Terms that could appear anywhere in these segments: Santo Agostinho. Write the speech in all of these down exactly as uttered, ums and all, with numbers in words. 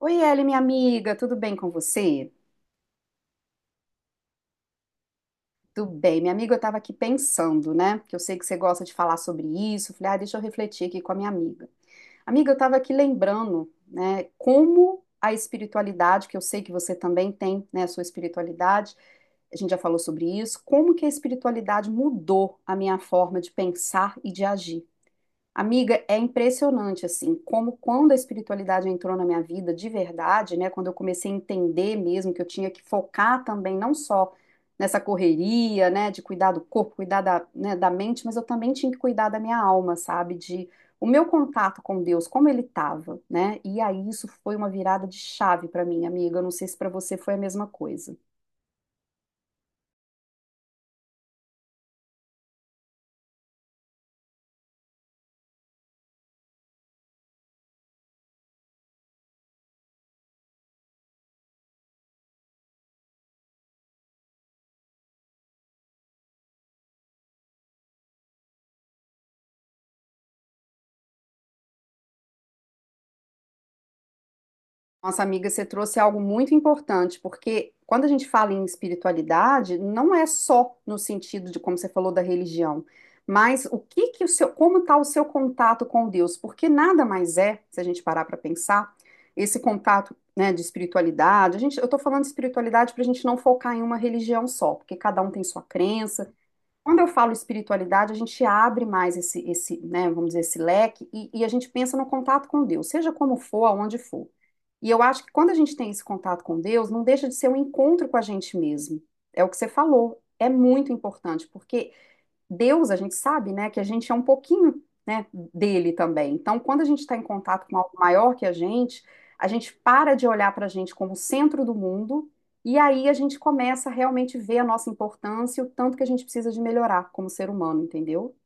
Oi, Eli, minha amiga, tudo bem com você? Tudo bem, minha amiga, eu estava aqui pensando, né? Que eu sei que você gosta de falar sobre isso. Falei, ah, deixa eu refletir aqui com a minha amiga. Amiga, eu estava aqui lembrando, né, como a espiritualidade, que eu sei que você também tem, né, a sua espiritualidade, a gente já falou sobre isso, como que a espiritualidade mudou a minha forma de pensar e de agir. Amiga, é impressionante assim, como quando a espiritualidade entrou na minha vida de verdade, né, quando eu comecei a entender mesmo que eu tinha que focar também não só nessa correria, né, de cuidar do corpo, cuidar da, né, da mente, mas eu também tinha que cuidar da minha alma, sabe, de o meu contato com Deus, como ele estava, né? E aí isso foi uma virada de chave para mim, amiga. Eu não sei se para você foi a mesma coisa. Nossa amiga, você trouxe algo muito importante, porque quando a gente fala em espiritualidade, não é só no sentido de como você falou da religião, mas o que que o seu, como está o seu contato com Deus? Porque nada mais é, se a gente parar para pensar, esse contato, né, de espiritualidade. A gente, eu estou falando de espiritualidade para a gente não focar em uma religião só, porque cada um tem sua crença, quando eu falo espiritualidade, a gente abre mais esse, esse, né, vamos dizer, esse leque e, e a gente pensa no contato com Deus, seja como for, aonde for. E eu acho que quando a gente tem esse contato com Deus, não deixa de ser um encontro com a gente mesmo. É o que você falou, é muito importante, porque Deus, a gente sabe, né, que a gente é um pouquinho, né, dele também. Então, quando a gente está em contato com algo maior que a gente, a gente para de olhar para a gente como o centro do mundo e aí a gente começa a realmente ver a nossa importância e o tanto que a gente precisa de melhorar como ser humano, entendeu?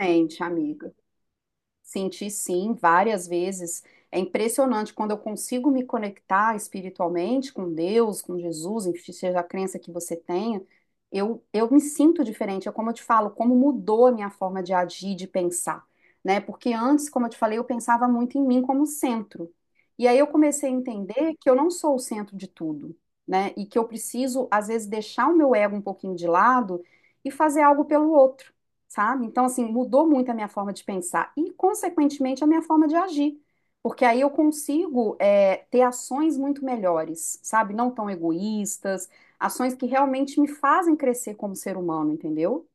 Gente, amiga. Senti sim, várias vezes. É impressionante quando eu consigo me conectar espiritualmente com Deus, com Jesus, enfim, seja a crença que você tenha, eu, eu me sinto diferente. É como eu te falo, como mudou a minha forma de agir, de pensar, né? Porque antes, como eu te falei, eu pensava muito em mim como centro. E aí eu comecei a entender que eu não sou o centro de tudo, né? E que eu preciso, às vezes, deixar o meu ego um pouquinho de lado e fazer algo pelo outro sabe? Então, assim, mudou muito a minha forma de pensar e, consequentemente, a minha forma de agir. Porque aí eu consigo é, ter ações muito melhores, sabe? Não tão egoístas, ações que realmente me fazem crescer como ser humano, entendeu?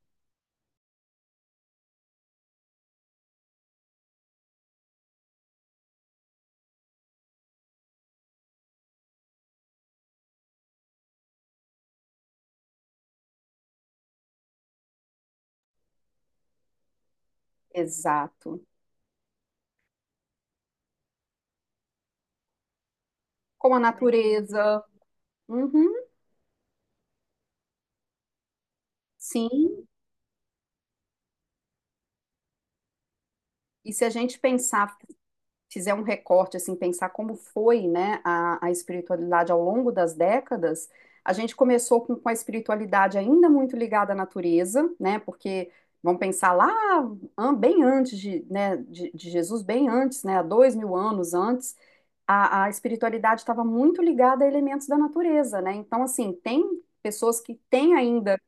Exato. Com a natureza. Uhum, sim. E se a gente pensar fizer um recorte, assim, pensar como foi, né, a, a espiritualidade ao longo das décadas, a gente começou com, com a espiritualidade ainda muito ligada à natureza, né, porque vamos pensar lá bem antes de, né, de, de Jesus, bem antes, né, há dois mil anos antes, a, a espiritualidade estava muito ligada a elementos da natureza, né, então, assim, tem pessoas que têm ainda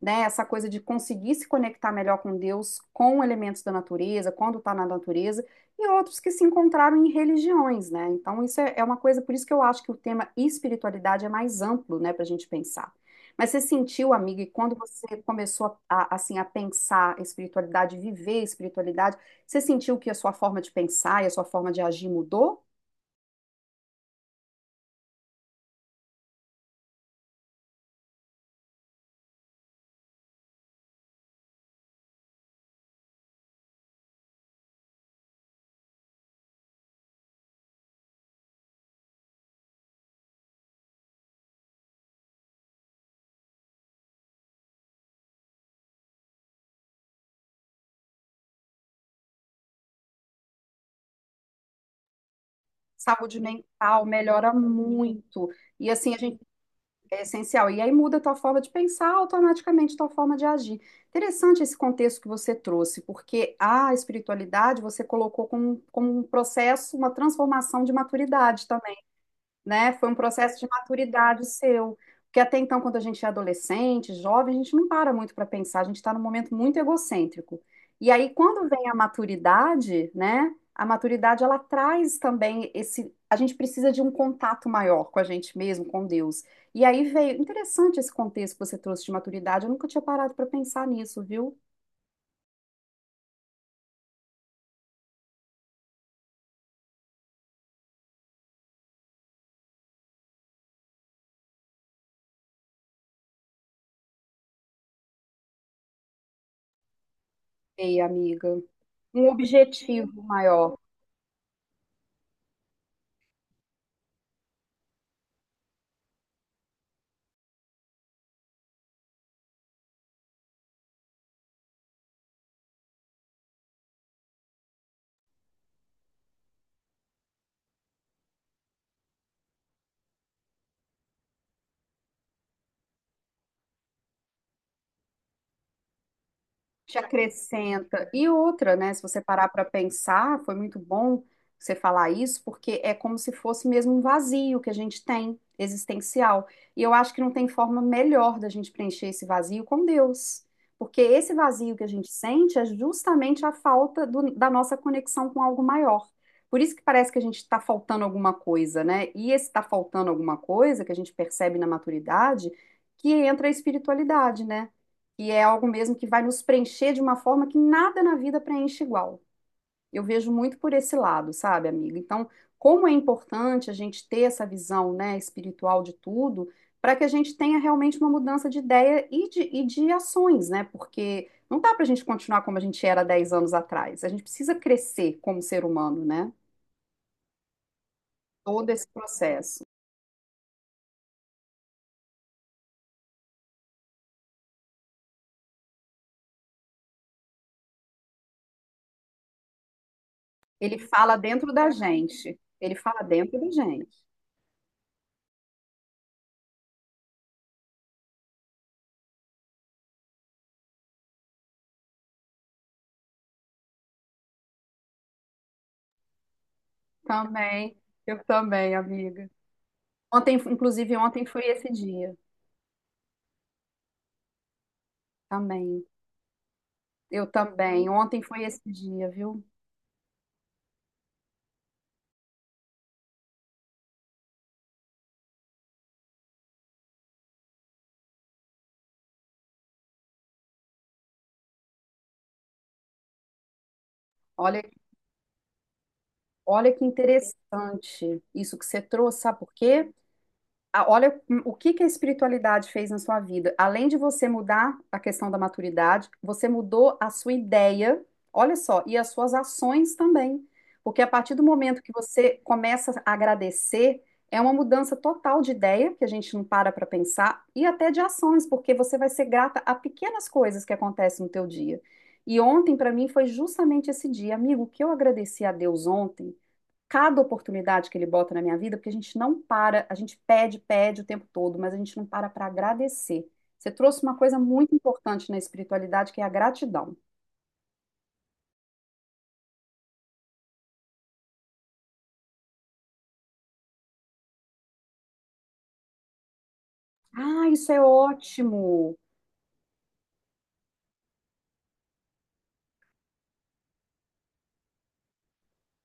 né? Essa coisa de conseguir se conectar melhor com Deus, com elementos da natureza, quando está na natureza, e outros que se encontraram em religiões, né? Então, isso é é uma coisa, por isso que eu acho que o tema espiritualidade é mais amplo, né, para a gente pensar. Mas você sentiu, amiga, e quando você começou a, a- assim, a pensar espiritualidade, viver espiritualidade, você sentiu que a sua forma de pensar e a sua forma de agir mudou? Saúde mental melhora muito. E assim, a gente é essencial. E aí muda a tua forma de pensar, automaticamente a tua forma de agir. Interessante esse contexto que você trouxe, porque a espiritualidade você colocou como, como um processo, uma transformação de maturidade. Então, né? Foi um processo de maturidade seu. Porque até então, quando a gente é adolescente, jovem, a gente não para muito para pensar, a gente está num momento muito egocêntrico. E aí, quando vem a maturidade, né? A maturidade ela traz também esse. A gente precisa de um contato maior com a gente mesmo, com Deus. E aí veio. Interessante esse contexto que você trouxe de maturidade. Eu nunca tinha parado para pensar nisso, viu? Ei, amiga. Um objetivo maior. Te acrescenta. E outra, né? Se você parar para pensar, foi muito bom você falar isso, porque é como se fosse mesmo um vazio que a gente tem, existencial. E eu acho que não tem forma melhor da gente preencher esse vazio com Deus. Porque esse vazio que a gente sente é justamente a falta do- da nossa conexão com algo maior. Por isso que parece que a gente está faltando alguma coisa, né? E esse está faltando alguma coisa que a gente percebe na maturidade, que entra a espiritualidade, né? Que é algo mesmo que vai nos preencher de uma forma que nada na vida preenche igual. Eu vejo muito por esse lado, sabe, amiga? Então, como é importante a gente ter essa visão, né, espiritual de tudo, para que a gente tenha realmente uma mudança de ideia e de, e de ações, né? Porque não dá para a gente continuar como a gente era dez anos atrás. A gente precisa crescer como ser humano, né? Todo esse processo. Ele fala dentro da gente. Ele fala dentro da gente. Também, eu também, amiga. Ontem, inclusive, ontem foi esse dia também. Eu também. Ontem foi esse dia, viu? Olha, olha que interessante isso que você trouxe, sabe por quê? A- olha o que que a espiritualidade fez na sua vida. Além de você mudar a questão da maturidade, você mudou a sua ideia, olha só, e as suas ações também. Porque a partir do momento que você começa a agradecer, é uma mudança total de ideia, que a gente não para para pensar, e até de ações, porque você vai ser grata a pequenas coisas que acontecem no teu dia. E ontem, para mim, foi justamente esse dia. Amigo, o que eu agradeci a Deus ontem? Cada oportunidade que ele bota na minha vida, porque a gente não para, a gente pede, pede o tempo todo, mas a gente não para para agradecer. Você trouxe uma coisa muito importante na espiritualidade, que é a gratidão. Ah, isso é ótimo!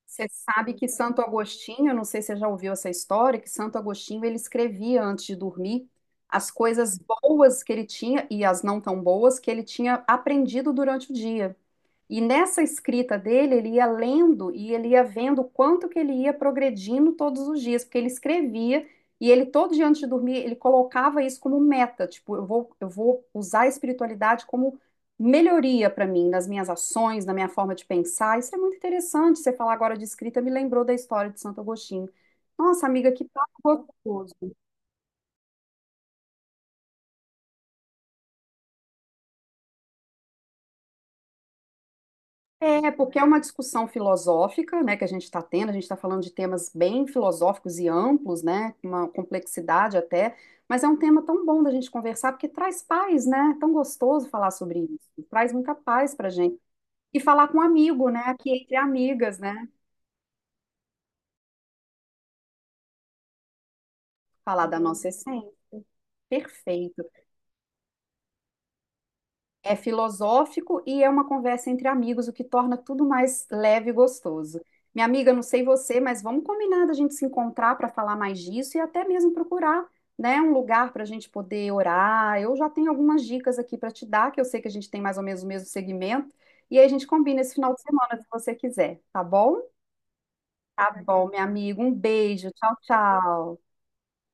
Você sabe que Santo Agostinho, eu não sei se você já ouviu essa história, que Santo Agostinho ele escrevia antes de dormir as coisas boas que ele tinha e as não tão boas que ele tinha aprendido durante o dia. E nessa escrita dele, ele ia lendo e ele ia vendo o quanto que ele ia progredindo todos os dias, porque ele escrevia e ele todo dia antes de dormir, ele colocava isso como meta, tipo, eu vou, eu vou usar a espiritualidade como melhoria para mim, nas minhas ações, na minha forma de pensar. Isso é muito interessante, você falar agora de escrita me lembrou da história de Santo Agostinho. Nossa, amiga, que papo gostoso. É, porque é uma discussão filosófica, né, que a gente está tendo, a gente está falando de temas bem filosóficos e amplos, né, com uma complexidade até, mas é um tema tão bom da gente conversar, porque traz paz, né, é tão gostoso falar sobre isso, traz muita paz pra gente. E falar com um amigo, né, aqui entre amigas, né, falar da nossa essência, perfeito. É filosófico e é uma conversa entre amigos, o que torna tudo mais leve e gostoso. Minha amiga, não sei você, mas vamos combinar da gente se encontrar para falar mais disso e até mesmo procurar, né, um lugar para a gente poder orar. Eu já tenho algumas dicas aqui para te dar, que eu sei que a gente tem mais ou menos o mesmo segmento, e aí a gente combina esse final de semana, se você quiser, tá bom? Tá bom, minha amiga, um beijo, tchau, tchau.